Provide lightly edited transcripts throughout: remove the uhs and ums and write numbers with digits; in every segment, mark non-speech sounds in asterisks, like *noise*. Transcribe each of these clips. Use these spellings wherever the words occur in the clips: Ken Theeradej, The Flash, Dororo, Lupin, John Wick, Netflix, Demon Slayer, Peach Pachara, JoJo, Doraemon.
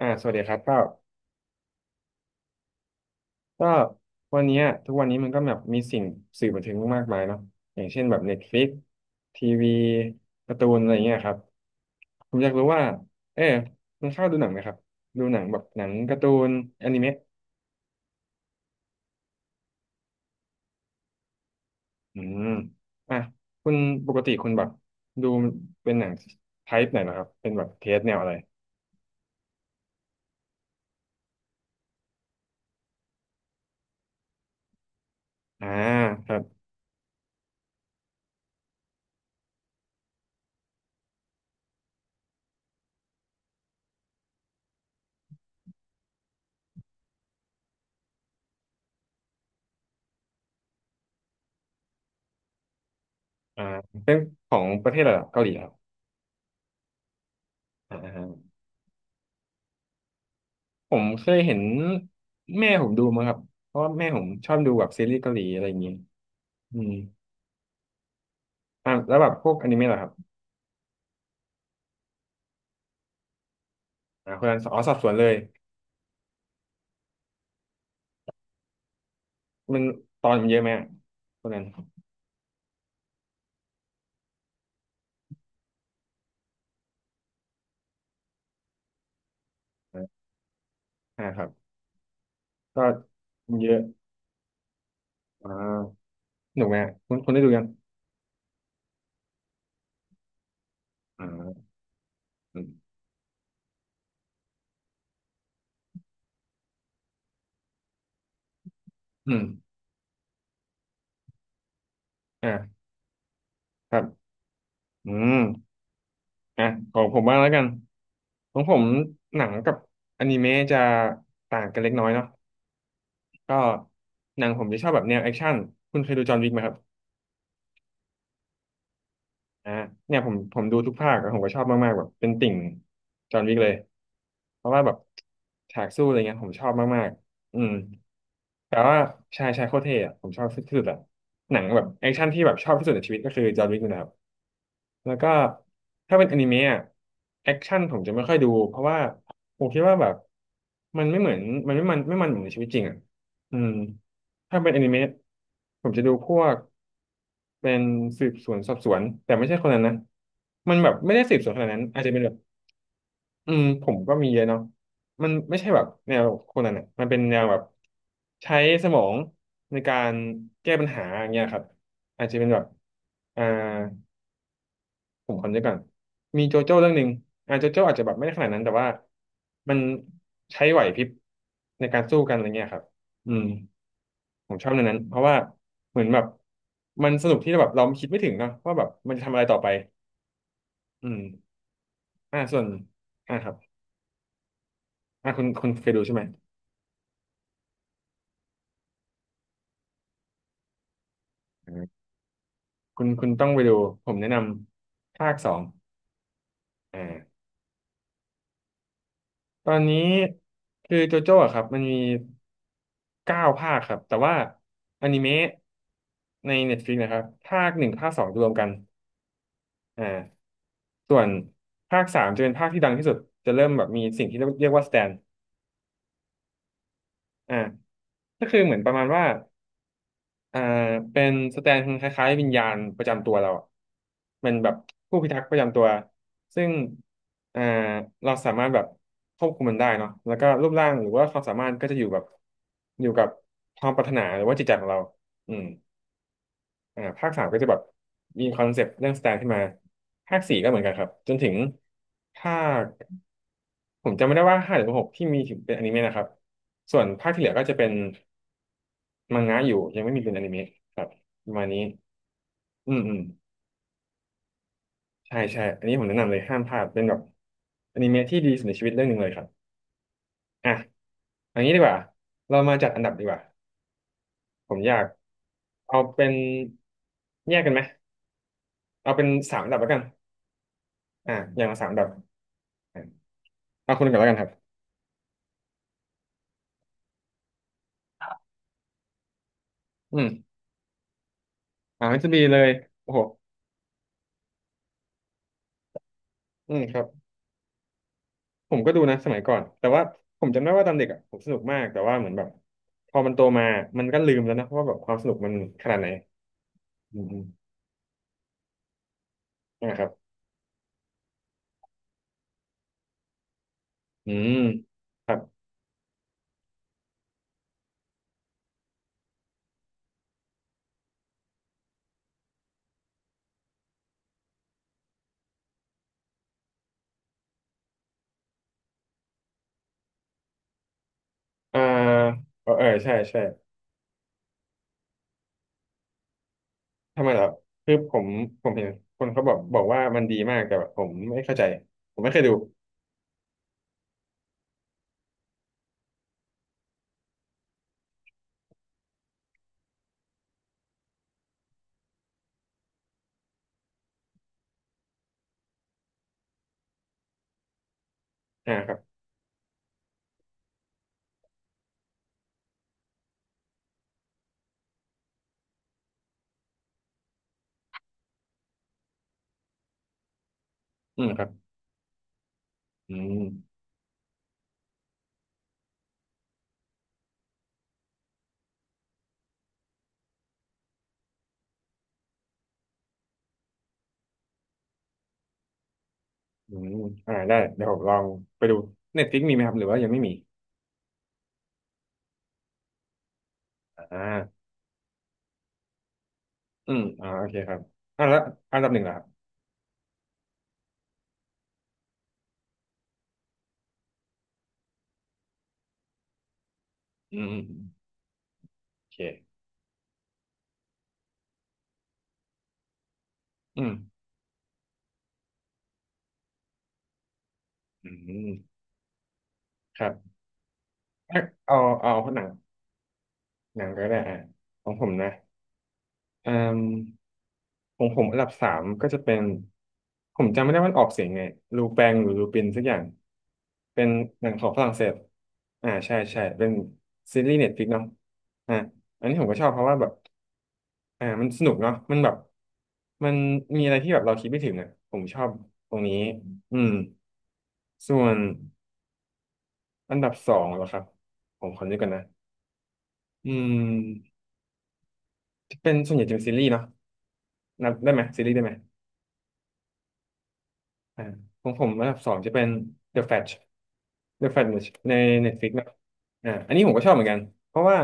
สวัสดีครับก็วันเนี้ยทุกวันนี้มันก็แบบมีสิ่งสื่อบันเทิงมากมายเนาะอย่างเช่นแบบ Netflix ทีวีการ์ตูนอะไรเงี้ยครับผมอยากรู้ว่าเออคุณเข้าดูหนังไหมครับดูหนังแบบหนังการ์ตูนอนิเมะอืมอ่ะคุณปกติคุณแบบดูเป็นหนังไทป์ไหนนะครับเป็นแบบเทสแนวอะไรอ่าครับอ่าเป็นของประเทศอะไรเหรอเกาหลีครับอ่า ผมเคยเห็นแม่ผมดูมั้งครับเพราะว่าแม่ผมชอบดูแบบซีรีส์เกาหลีอะไรอย่างเงี้ยอืมอ่ะแล้วแบบพวกอนิเมะเหรอครับคนนั้นอ๋อสอบสวนเลยมันตอนมันเยอะไหมอะคนนั้นอ่าครับก็มันเยอะอ่าหนุกไหมอะคุณคุณได้ดูยังอ่าอืมอืมอ่าครับอืมอ่ะของผมบ้างแล้วกันของผมหนังกับอนิเมะจะต่างกันเล็กน้อยเนาะก็หนังผมจะชอบแบบแนวแอคชั่นคุณเคยดูจอห์นวิกไหมครับ อ่าเนี่ยผมดูทุกภาคอะผมก็ชอบมากๆแบบเป็นติ่งจอห์นวิกเลยเพราะว่าแบบฉากสู้อะไรเงี้ยผมชอบมากๆแต่ว่าชายโคตรเท่อะผมชอบที่สุดอะหนังแบบแอคชั่นที่แบบชอบที่สุดในชีวิตก็คือจอห์นวิกนะครับแล้วก็ถ้าเป็นอนิเมะอะแอคชั่นผมจะไม่ค่อยดูเพราะว่าผมคิดว่าแบบมันไม่เหมือนมันเหมือนในชีวิตจริงอ่ะอืม ถ้าเป็นอนิเมะผมจะดูพวกเป็นสืบสวนสอบสวนแต่ไม่ใช่คนนั้นนะมันแบบไม่ได้สืบสวนขนาดนั้นอาจจะเป็นแบบผมก็มีเยอะเนาะมันไม่ใช่แบบแนวคนนั้นอ่ะมันเป็นแนวแบบใช้สมองในการแก้ปัญหาอย่างเงี้ยครับอาจจะเป็นแบบอ่าผมคำนึกก่อนมีโจโจ้เรื่องหนึ่งโจโจ้อาจจะแบบไม่ได้ขนาดนั้นแต่ว่ามันใช้ไหวพริบในการสู้กันอะไรเงี้ยครับอืม ผมชอบเรื่องนั้นเพราะว่าเหมือนแบบมันสนุกที่แบบเราคิดไม่ถึงเนอะว่าแบบมันจะทำอะไรต่อไปอืมส่วนอ่าครับคุณเคยดูใช่ไหมอ่าคุณต้องไปดูผมแนะนำภาคสองอ่าตอนนี้คือโจโจ้อะครับมันมีเก้าภาคครับแต่ว่าอนิเมะใน Netflix นะครับภาคหนึ่งภาคสองรวมกันอ่าส่วนภาคสามจะเป็นภาคที่ดังที่สุดจะเริ่มแบบมีสิ่งที่เรียกว่าสแตน อ่าก็คือเหมือนประมาณว่าอ่าเป็นสแตนคล้ายๆวิญญาณประจำตัวเราอะเป็นแบบผู้พิทักษ์ประจำตัวซึ่งอ่าเราสามารถแบบควบคุมมันได้เนาะแล้วก็รูปร่างหรือว่าความสามารถก็จะอยู่แบบอยู่กับความปรารถนาหรือว่าจิตใจของเราอืมภาคสามก็จะแบบมีคอนเซปต์เรื่องสแตนขึ้นมาภาคสี่ก็เหมือนกันครับจนถึงภาคผมจำไม่ได้ว่าห้าหรือหกที่มีถึงเป็นอนิเมะนะครับส่วนภาคที่เหลือก็จะเป็น มังงะอยู่ยังไม่มีเป็นอนิเมะครับประมาณนี้อืมอืมใช่ใช่อันนี้ผมแนะนำเลยห้ามพลาดเป็นแบบอนิเมะที่ดีสุดในชีวิตเรื่องหนึ่งเลยครับอ่ะเอันนี้ดีกว่าเรามาจัดอันดับดีกว่าผมอยากเอาเป็นแยกกันไหมเอาเป็นสามอันดับแล้วกันอ่ะอย่างละสามอันดับอ่ะเอาคนหนึ่งก่อนแล้วกันครับอืมมันจะมีเลยโอ้โหอืมครับผมก็ดูนะสมัยก่อนแต่ว่าผมจำได้ว่าตอนเด็กอ่ะผมสนุกมากแต่ว่าเหมือนแบบพอมันโตมามันก็ลืมแล้วนะว่าแบบความสนุกมันขนาดไหน นะครับอืมครับอ่าเออเออใช่ ใช่ทำไมเหรอคือผมเห็นคนเขาบอกว่ามันดีมากแต่แบบผมไม่เข้าใจ ผมไม่เคยดูอ่าครับอืมครับอืมอืมได้เดี๋ยวผมลองไปดูเน็ตฟลิกมีไหมครับ หรือว่ายังไม่มีอ่าอืมอ่าโอเคครับแล้วอันดับหนึ่งเหรอครับอืมอืมอืมโอเคอืมอืมครับเอาเอาหนังก็ได้อ่ะของผมนะอืม ของผมอันดับสามก็จะเป็นผมจำไม่ได้ว่ามันออกเสียงไงลูแปงหรือลูปินสักอย่างเป็นหนังของฝรั่งเศสอ่าใช่ใช่เป็นซีรีส์เน็ตฟลิกเนาะอ่าอันนี้ผมก็ชอบเพราะว่าแบบมันสนุกเนาะมันแบบมันมีอะไรที่แบบเราคิดไม่ถึงอ่ะผมชอบตรงนี้อืมส่วนอันดับสองเหรอครับผมขอนึกก่อนนะอืมเป็นส่วนใหญ่จะเป็นซีรีส์เนาะนับได้ไหมซีรีส์ได้ไหม อ่าของผมอันดับสองจะเป็น The Flash The Flash ใน Netflix นะอ่าอันนี้ผมก็ชอบเหมือนกัน เพราะว่า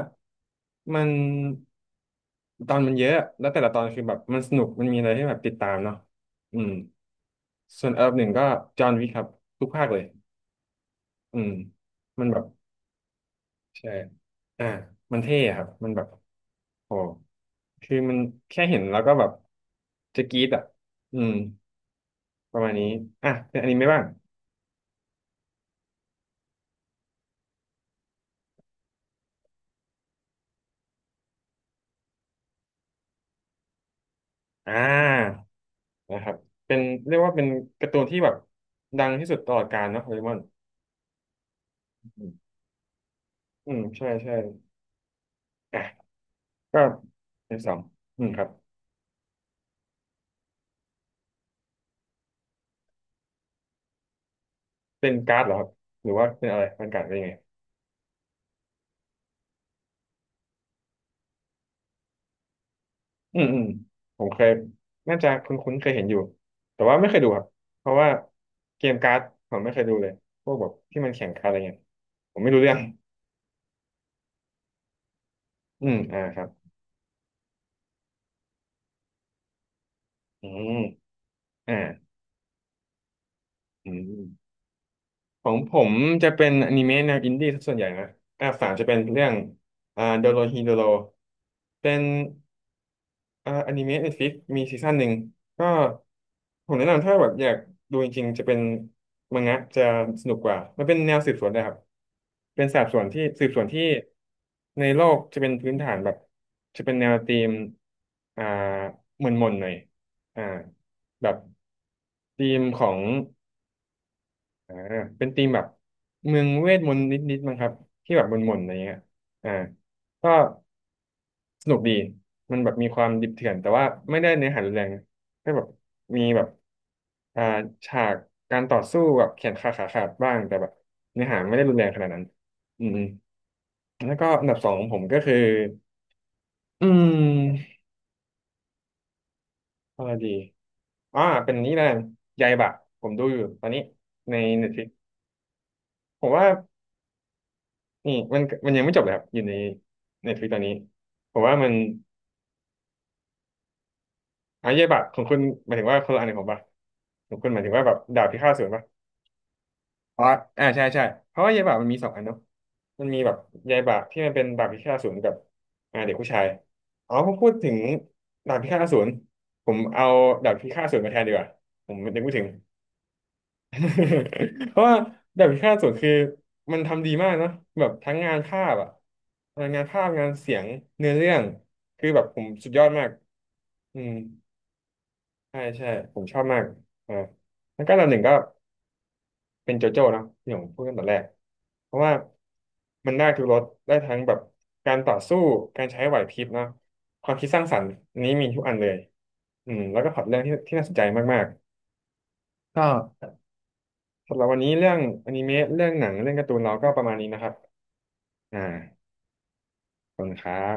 มันตอนมันเยอะ แล้วแต่ละตอนคือแบบมันสนุก มันมีอะไรให้แบบติดตามเนาะอืมส่วนอันดับหนึ่งก็จอห์นวิกครับทุกภาคเลยอืมมันแบบใช่อ่ามันเท่อะครับ มันแบบโอ้คือมันแค่เห็นแล้วก็แบบจะกรี๊ดอ่ะอืมประมาณนี้ อ่ะเป็นอนิเมะบ้าง อ่า นะครับเป็นเรียกว่าเป็นการ์ตูนที่แบบดังที่สุดตลอดกาลเนาะโดเรมอนอืมอืมใช่ใช่อ่ะก็เป็นสองอืมครับเป็นการ์ดเหรอครับหรือว่าเป็นอะไรเป็นการ์ดเป็นยังไงอืมอืมผมเคยน่าจะคุ้นๆเคยเห็นอยู่แต่ว่าไม่เคยดูครับเพราะว่าเกมการ์ดผมไม่เคยดูเลยพวกแบบที่มันแข่งการ์ดอะไรเงี้ยผมไม่รู้เรื่องอืมอ่าครับอืมอ่าอืม ของผมจะเป็นอนิเมะแนวอินดี้ซะส่วนใหญ่นะอันดับสามจะเป็นเรื่องโดโรฮีโดโรเป็นอนิเมะเน็ตฟลิกมีซีซั่นหนึ่งก็ผมแนะนำถ้าแบบอยากดูจริงๆจะเป็นมังงะจะสนุกกว่ามันเป็นแนวสืบสวนนะครับเป็นสอบสวนที่สืบสวนที่ในโลกจะเป็นพื้นฐานแบบจะเป็นแนวธีมอ่าหม่นๆหน่อยอ่าแบบธีมของ อ่าเป็นธีมแบบเมืองเวทมนต์นิดๆมั้งครับที่แบบมนๆอะไรเงี้ยอ่าก็สนุกดีมันแบบมีความดิบเถื่อนแต่ว่าไม่ได้เนื้อหารุนแรงนะแค่แบบมีแบบอ่าฉากการต่อสู้แบบแขนขาขาดบ้างแต่แบบเนื้อหาไม่ได้รุนแรงขนาดนั้นอืมๆแล้วก็อันดับสองของผมก็คืออืมอะไรดีอ่าเป็นนี้แล้วกันยายบะผมดูอยู่ตอนนี้ใน Netflix ผมว่า อืมมันยังไม่จบเลยครับอยู่ในในทวิตตอนนี้ผมว่ามันอาเย่บะของคุณหมายถึงว่าคนละอันของผมปะของคุณหมายถึงว่าแบบดาบพิฆาตอสูรปะอ๋ออ่าใช่ใช่เพราะว่าเย่บะมันมีสองอันเนาะมันมีแบบเย่บะที่มันเป็นดาบพิฆาตอสูรกับอ่าเด็กผู้ชายอ๋อพอพูดถึงดาบพิฆาตอสูรผมเอาดาบพิฆาตอสูรมาแทนดีกว่าผมนึกไม่ถึง *laughs* เพราะว่าแบบพิฆาตอสูรคือมันทำดีมากเนาะแบบทั้งงานภาพอะงานภาพงานเสียงเนื้อเรื่องคือแบบผมสุดยอดมากอืมใช่ใช่ผมชอบมากอ่าแล้วก็อันดับหนึ่งก็เป็นโจโจ้เนอะที่ผมพูดตั้งแต่แรกเพราะว่ามันได้ทุกรสได้ทั้งแบบการต่อสู้การใช้ไหวพริบเนาะความคิดสร้างสรรค์อันนี้มีทุกอันเลยอืมแล้วก็พล็อตเรื่องที่น่าสนใจมากๆก็ สำหรับวันนี้เรื่องอนิเมะเรื่องหนังเรื่องการ์ตูนเราก็ประมาณนี้นะครับอ่าขอบคุณครับ